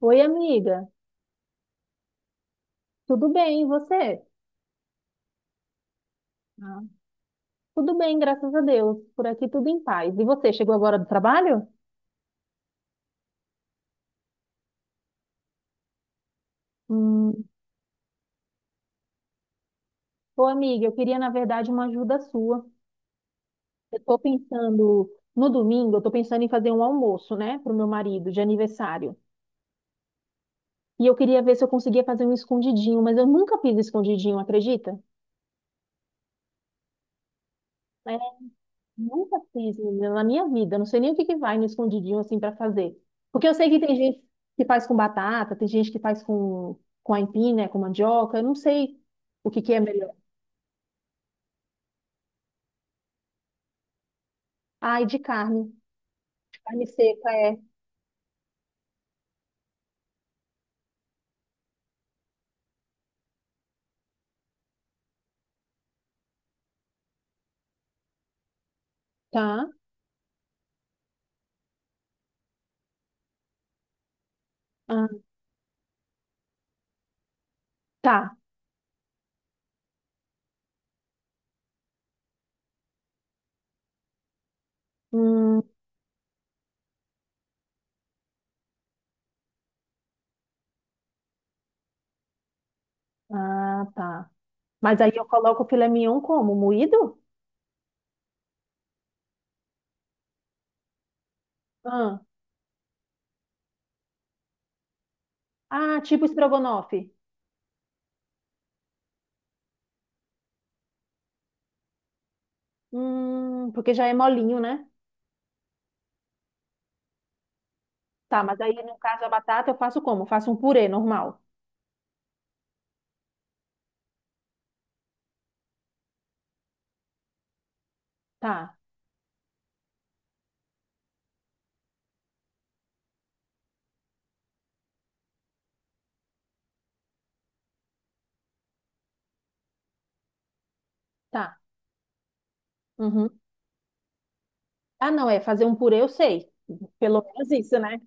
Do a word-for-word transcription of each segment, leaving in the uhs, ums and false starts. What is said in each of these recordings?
Oi, amiga. Tudo bem, e você? Ah, Tudo bem, graças a Deus. Por aqui tudo em paz. E você, chegou agora do trabalho? Hum. Ô, amiga, eu queria, na verdade, uma ajuda sua. Eu tô pensando, no domingo, eu tô pensando em fazer um almoço, né, pro meu marido de aniversário. E eu queria ver se eu conseguia fazer um escondidinho, mas eu nunca fiz escondidinho, acredita? Nunca fiz, menina, na minha vida. Eu não sei nem o que que vai no escondidinho assim pra fazer. Porque eu sei que tem gente que faz com batata, tem gente que faz com, com aipim, né, com mandioca. Eu não sei o que que é melhor. Ai, de carne. Carne seca é. Tá. Ah, tá. Hum, ah, tá. Mas aí eu coloco o filé mignon como? Moído? Ah, ah, tipo estrogonofe. Hum, porque já é molinho, né? Tá, mas aí no caso a batata eu faço como? Eu faço um purê normal. Tá, tá. Uhum. Ah, não, é fazer um purê, eu sei. Pelo menos isso, né?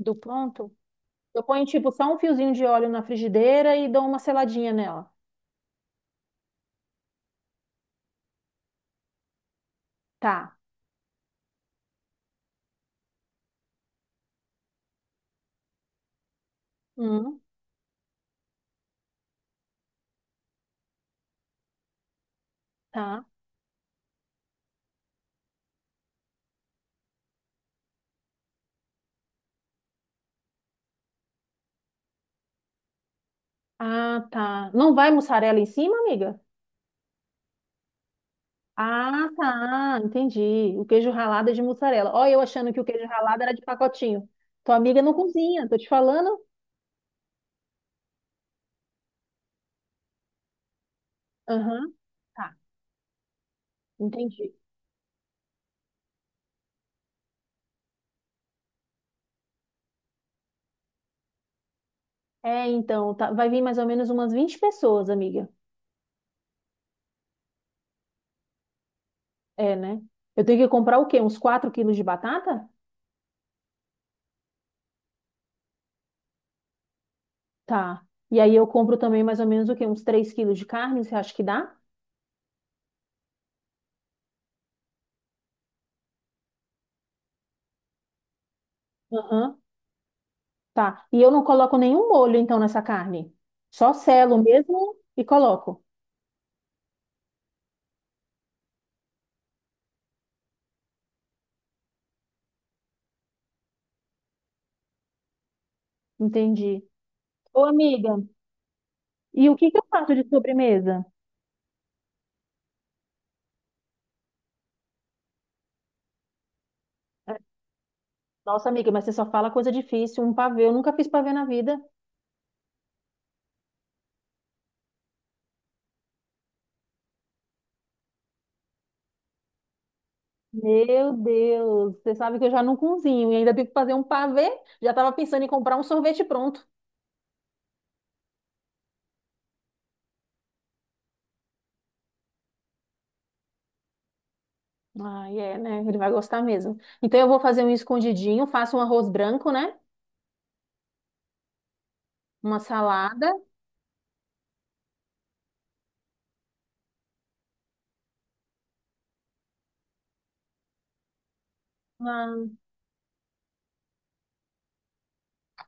Do pronto. Eu ponho, tipo, só um fiozinho de óleo na frigideira e dou uma seladinha nela. Tá. Hum, tá. Ah, tá. Não vai mussarela em cima, amiga? Ah, tá. Entendi. O queijo ralado é de mussarela. Ó, eu achando que o queijo ralado era de pacotinho. Tua amiga não cozinha, tô te falando. Aham, tá. Entendi. É, então, tá. Vai vir mais ou menos umas vinte pessoas, amiga. É, né? Eu tenho que comprar o quê? Uns quatro quilos de batata? Tá. E aí eu compro também mais ou menos o quê? Uns três quilos de carne, você acha que dá? Aham. Tá. E eu não coloco nenhum molho, então, nessa carne. Só selo mesmo e coloco. Entendi. Ô, amiga, e o que que eu faço de sobremesa? Nossa, amiga, mas você só fala coisa difícil. Um pavê, eu nunca fiz pavê na vida. Meu Deus, você sabe que eu já não cozinho e ainda tenho que fazer um pavê. Já estava pensando em comprar um sorvete pronto. Ah, é, né? Ele vai gostar mesmo. Então eu vou fazer um escondidinho, faço um arroz branco, né? Uma salada. uma-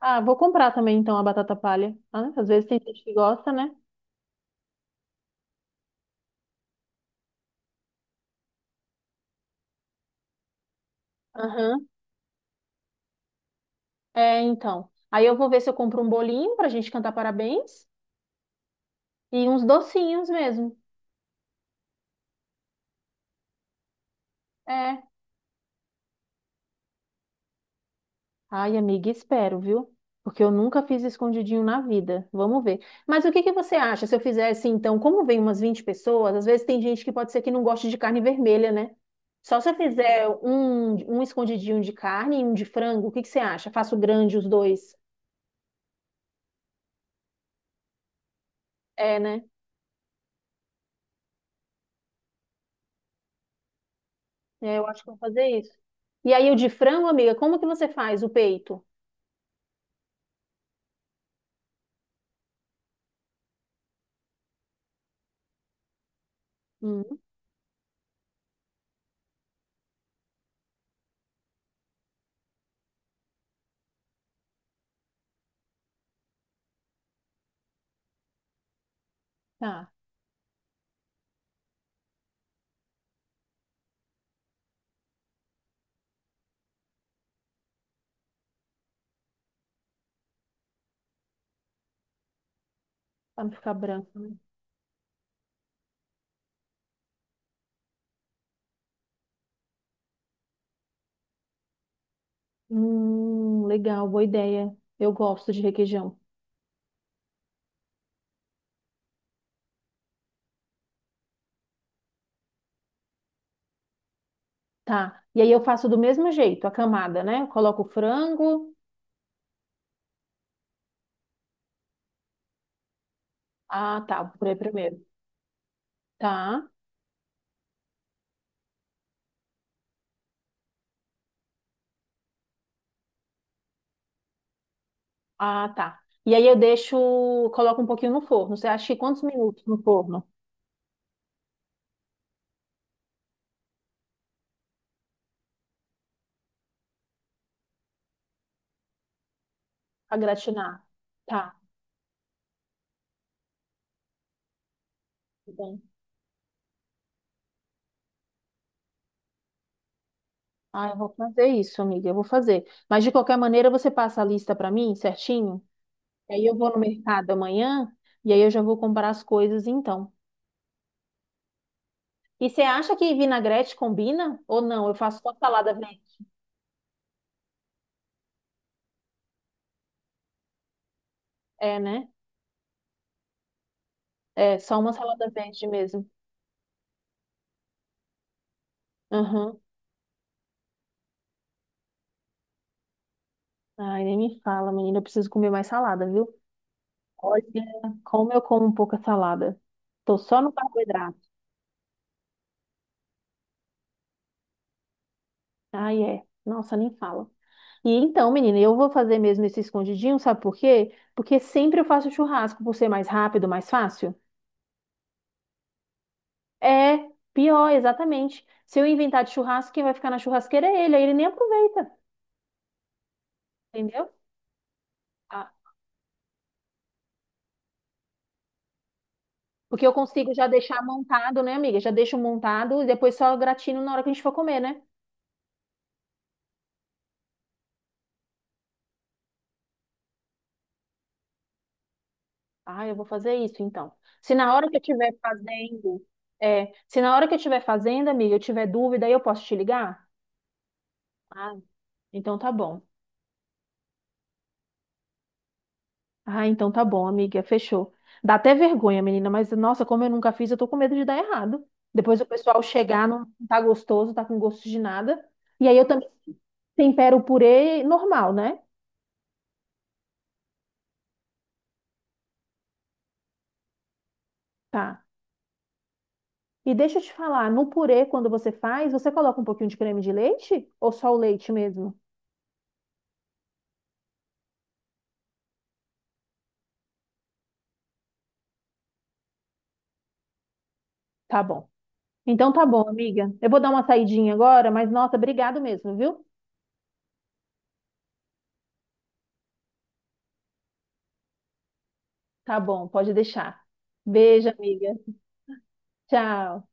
Ah, vou comprar também então a batata palha. Ah, às vezes tem gente que gosta, né? Aham. É, então. Aí eu vou ver se eu compro um bolinho pra gente cantar parabéns e uns docinhos mesmo. É. Ai, amiga, espero, viu? Porque eu nunca fiz escondidinho na vida. Vamos ver. Mas o que que você acha se eu fizesse então? Como vem umas vinte pessoas, às vezes tem gente que pode ser que não goste de carne vermelha, né? Só se eu fizer um, um escondidinho de carne e um de frango, o que que você acha? Faço grande os dois. É, né? É, eu acho que eu vou fazer isso. E aí, o de frango, amiga, como que você faz o peito? Hum, tá, pra não ficar branco, né? Hum, legal, boa ideia. Eu gosto de requeijão. Tá. E aí eu faço do mesmo jeito, a camada, né? Eu coloco o frango. Ah, tá, vou por aí primeiro. Tá. Ah, tá. E aí eu deixo, coloco um pouquinho no forno. Você acha que quantos minutos no forno pra gratinar? Tá, tá bom. Ah, eu vou fazer isso, amiga, eu vou fazer. Mas de qualquer maneira, você passa a lista pra mim, certinho? E aí eu vou no mercado amanhã e aí eu já vou comprar as coisas então. E você acha que vinagrete combina? Ou não? Eu faço só salada verde. É, né? É, só uma salada verde mesmo. Aham. Ai, nem me fala, menina. Eu preciso comer mais salada, viu? Olha, como eu como pouca salada. Tô só no carboidrato. Ai, é. Nossa, nem fala. E então, menina, eu vou fazer mesmo esse escondidinho, sabe por quê? Porque sempre eu faço churrasco, por ser mais rápido, mais fácil. É pior, exatamente. Se eu inventar de churrasco, quem vai ficar na churrasqueira é ele, aí ele nem aproveita, entendeu? Ah, porque eu consigo já deixar montado, né, amiga? Já deixo montado e depois só gratino na hora que a gente for comer, né? Ah, eu vou fazer isso então. Se na hora que eu estiver fazendo, é, se na hora que eu estiver fazendo, amiga, eu tiver dúvida, aí eu posso te ligar? Ah, então tá bom. Ah, então tá bom, amiga, fechou. Dá até vergonha, menina, mas nossa, como eu nunca fiz, eu tô com medo de dar errado. Depois o pessoal chegar, não tá gostoso, tá com gosto de nada. E aí eu também tempero o purê normal, né? Tá. E deixa eu te falar, no purê, quando você faz, você coloca um pouquinho de creme de leite ou só o leite mesmo? Tá bom. Então tá bom, amiga. Eu vou dar uma saidinha agora, mas nossa, obrigado mesmo, viu? Tá bom, pode deixar. Beijo, amiga. Tchau.